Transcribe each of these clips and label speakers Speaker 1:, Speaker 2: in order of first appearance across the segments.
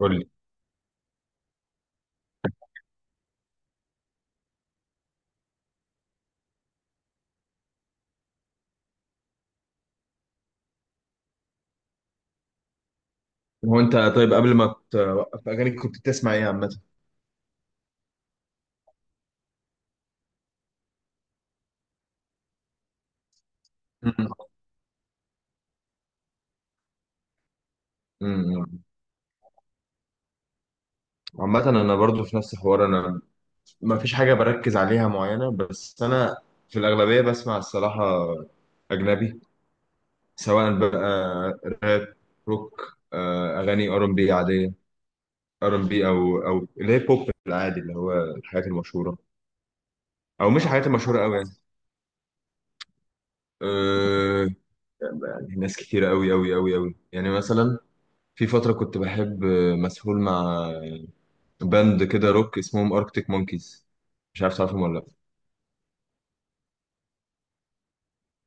Speaker 1: قول لي. هو انت طيب قبل ما توقف اغاني كنت بتسمع ايه عامه؟ مم. امم. عامه انا برضو في نفس الحوار. انا ما فيش حاجه بركز عليها معينه، بس انا في الاغلبيه بسمع الصراحه اجنبي، سواء بقى راب، روك، اغاني ار ام بي عاديه، ار ام بي، او اللي هي بوب العادي، اللي هو الحاجات المشهوره، او مش الحاجات المشهوره قوي يعني. أه يعني ناس كتيره قوي قوي قوي قوي، يعني مثلا في فتره كنت بحب، مسحول مع باند كده روك اسمهم اركتيك مونكيز. مش عارف تعرفهم ولا لا.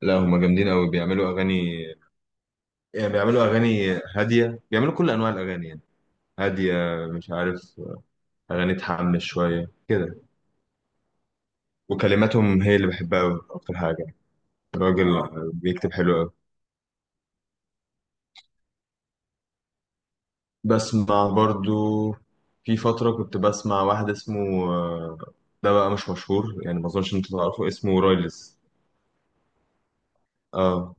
Speaker 1: لا هما جامدين قوي، بيعملوا اغاني، يعني بيعملوا اغاني هاديه، بيعملوا كل انواع الاغاني يعني. هاديه، مش عارف، اغاني تحمس شويه كده. وكلماتهم هي اللي بحبها قوي اكتر حاجه. الراجل بيكتب حلو قوي. بسمع برضو، في فتره كنت بسمع واحد اسمه، ده بقى مش مشهور يعني، ما اظنش انت تعرفه، اسمه رايلز. اه،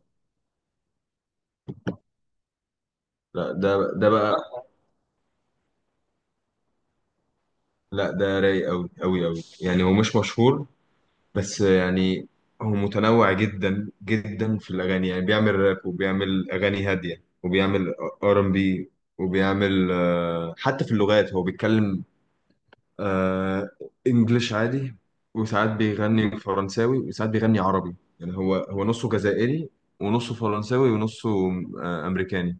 Speaker 1: لا ده بقى. لا ده رايق قوي قوي قوي يعني، هو مش مشهور بس يعني. هو متنوع جدا جدا في الاغاني، يعني بيعمل راب، وبيعمل اغاني هاديه، وبيعمل ار ام بي، وبيعمل حتى في اللغات هو بيتكلم، آه، انجليش عادي، وساعات بيغني فرنساوي، وساعات بيغني عربي. يعني هو نصه جزائري، ونصه فرنساوي، ونصه امريكاني.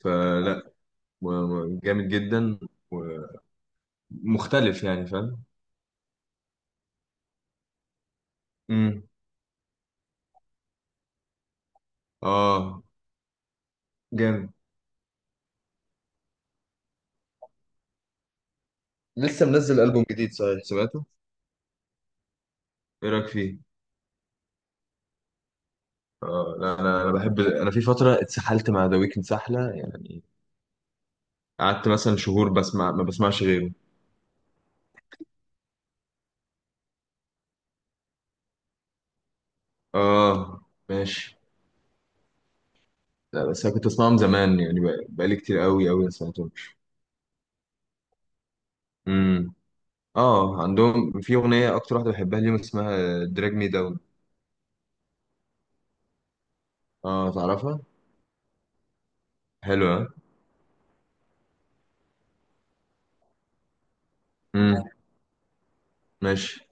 Speaker 1: فلا، جامد جدا ومختلف يعني، فاهم. امم، اه جامد. لسه منزل ألبوم جديد صحيح سمعته؟ ايه رايك فيه؟ اه لا، انا بحب، انا في فتره اتسحلت مع ذا ويكند سحله يعني. قعدت مثلا شهور بسمع ما بسمعش غيره. اه، ماشي. لا بس انا كنت اسمعهم زمان يعني، بقالي كتير قوي قوي ما سمعتهمش. امم، اه. عندهم في اغنيه اكتر واحده بحبها ليهم، اسمها دراج مي داون. اه تعرفها؟ حلوه. امم. ماشي.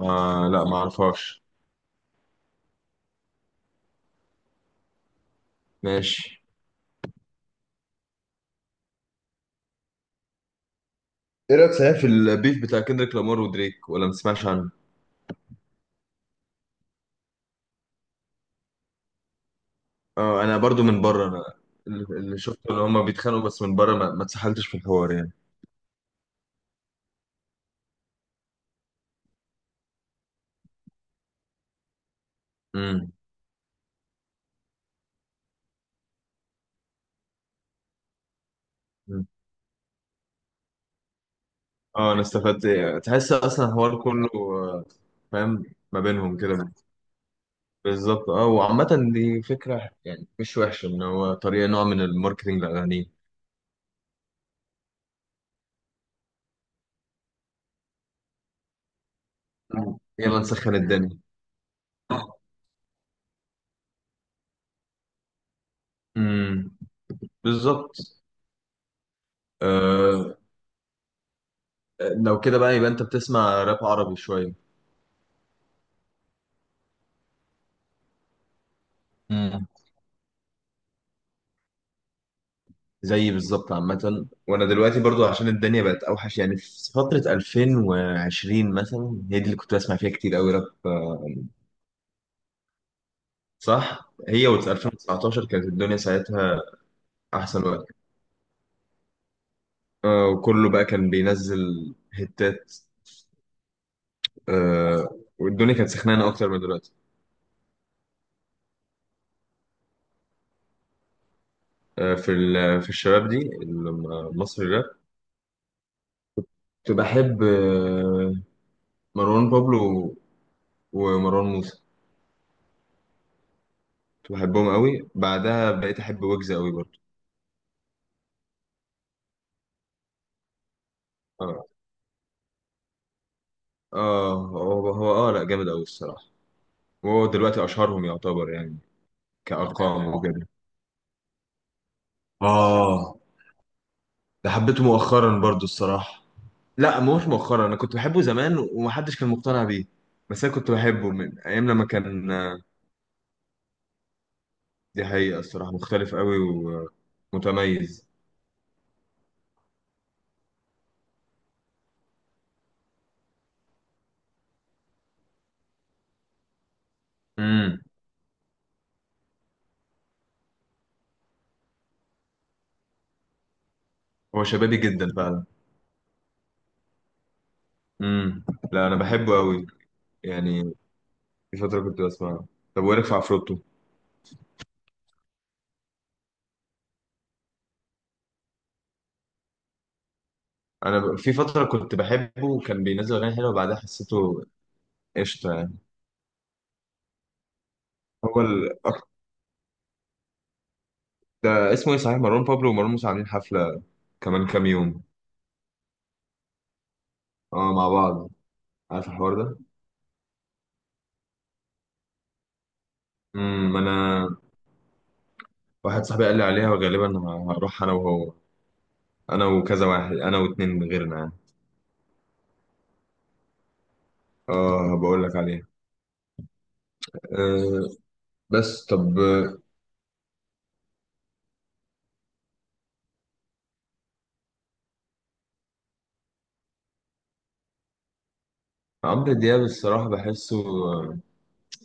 Speaker 1: آه لا، ما اعرفهاش. ماشي. ايه رايك صحيح في البيف بتاع كندريك لامار ودريك، ولا ما تسمعش عنه؟ اه، انا برضو من بره انا. اللي شفته ان هما بيتخانقوا بس من بره ما اتسحلتش في الحوار يعني. امم. أمم. اه، انا استفدت إيه، تحس اصلا الحوار كله، فاهم. ما بينهم كده. بالظبط، اه. وعامة دي فكرة يعني مش وحشة، ان هو طريقة نوع من الماركتينج للأغاني. أمم. يلا نسخن الدنيا. امم. بالظبط. آه لو كده بقى يبقى انت بتسمع راب عربي شوية. مم. زيي بالظبط. عامة وانا دلوقتي برضو عشان الدنيا بقت اوحش يعني، في فترة 2020 مثلا هي دي اللي كنت بسمع فيها كتير قوي راب، صح. هي و 2019 كانت الدنيا ساعتها احسن وقت، وكله بقى كان بينزل هتات. آه، والدنيا كانت سخنانة اكتر من دلوقتي. في الشباب دي المصري الراب، كنت بحب، مروان بابلو، ومروان موسى. كنت بحبهم قوي، بعدها بقيت احب ويجز قوي برضو. آه. اه هو اه، لا جامد قوي الصراحه. وهو دلوقتي اشهرهم يعتبر يعني، كارقام وكده. اه، ده حبيته مؤخرا برضو الصراحه. لا مش مؤخرا، انا كنت بحبه زمان ومحدش كان مقتنع بيه، بس انا كنت بحبه من ايام لما كان. دي حقيقه الصراحه، مختلف قوي ومتميز. امم. هو شبابي جدا فعلا. امم. لا انا بحبه قوي يعني، في فتره كنت بسمعه. طب وإيه رايك في عفروتو؟ انا في فتره كنت بحبه وكان بينزل اغاني حلوه، وبعدها حسيته قشطه يعني. هو الأك... ده اسمه ايه صحيح، مروان بابلو ومروان موسى عاملين حفلة كمان كام يوم. اه مع بعض، عارف الحوار ده؟ امم. انا، واحد صاحبي قال لي عليها وغالبا هروح انا وهو، انا وكذا واحد، انا واتنين غيرنا يعني. اه، بقول لك عليها. أه. بس طب، عمرو دياب الصراحة بحسه،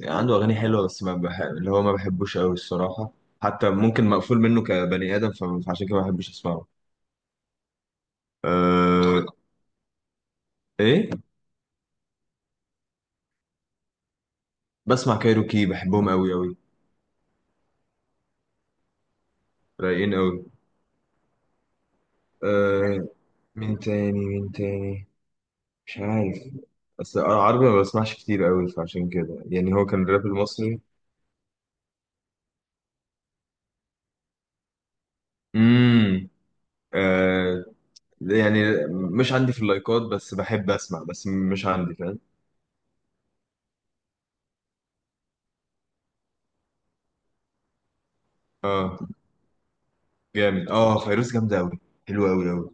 Speaker 1: عنده أغاني حلوة بس ما بح... اللي هو ما بحبوش أوي الصراحة. حتى ممكن مقفول منه كبني آدم، فعشان كده ما بحبش أسمعه. أه. إيه، بسمع كايروكي، بحبهم أوي أوي. رايقين أوي. آه مين تاني، مين تاني؟ مش عارف. بس انا عربي ما بسمعش كتير قوي، فعشان كده يعني هو كان الراب المصري. امم. آه يعني مش عندي في اللايكات، بس بحب اسمع بس مش عندي، فاهم. اه جامد. اه، فيروز جامدة قوي، حلوة قوي قوي.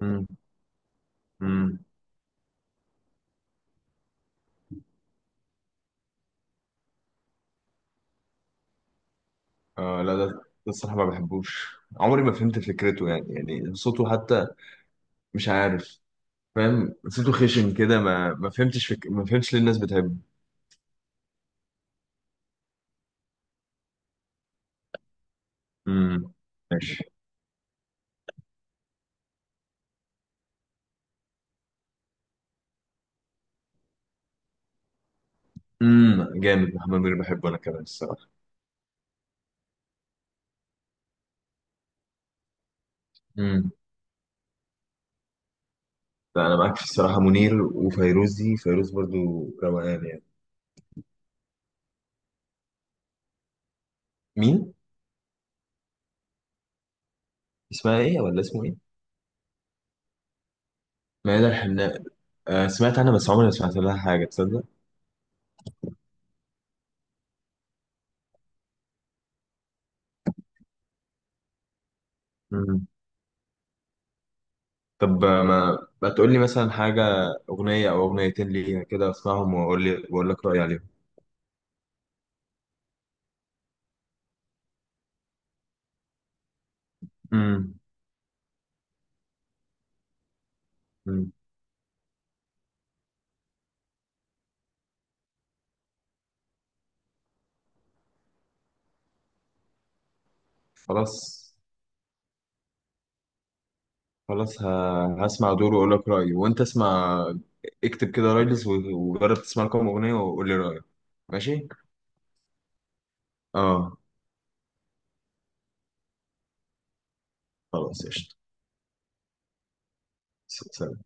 Speaker 1: امم. امم. اه لا ده الصراحة ما بحبوش، عمري ما فهمت فكرته يعني صوته حتى، مش عارف، فاهم، صوته خشن كده، ما فهمتش ليه الناس بتحبه. امم. ماشي. امم. جامد، محمد منير بحبه انا كمان الصراحه. امم. لا انا معاك في الصراحه، منير وفيروزي، فيروز برضو، روقان يعني. مين؟ اسمها ايه ولا اسمه ايه؟ ميادة الحناء. آه، سمعت عنها بس عمري ما سمعت لها حاجه تصدق. امم. طب، ما تقول لي مثلا حاجه، اغنيه او اغنيتين ليها كده اسمعهم، واقول لي، واقول لك رايي عليهم. امم. امم. خلاص، خلاص، هسمع دور واقول لك رايي وانت اسمع. اكتب كده رايلز، وجرب تسمع لكم اغنيه وقول لي رايك. ماشي. اه، خلاص قشطة. سلام.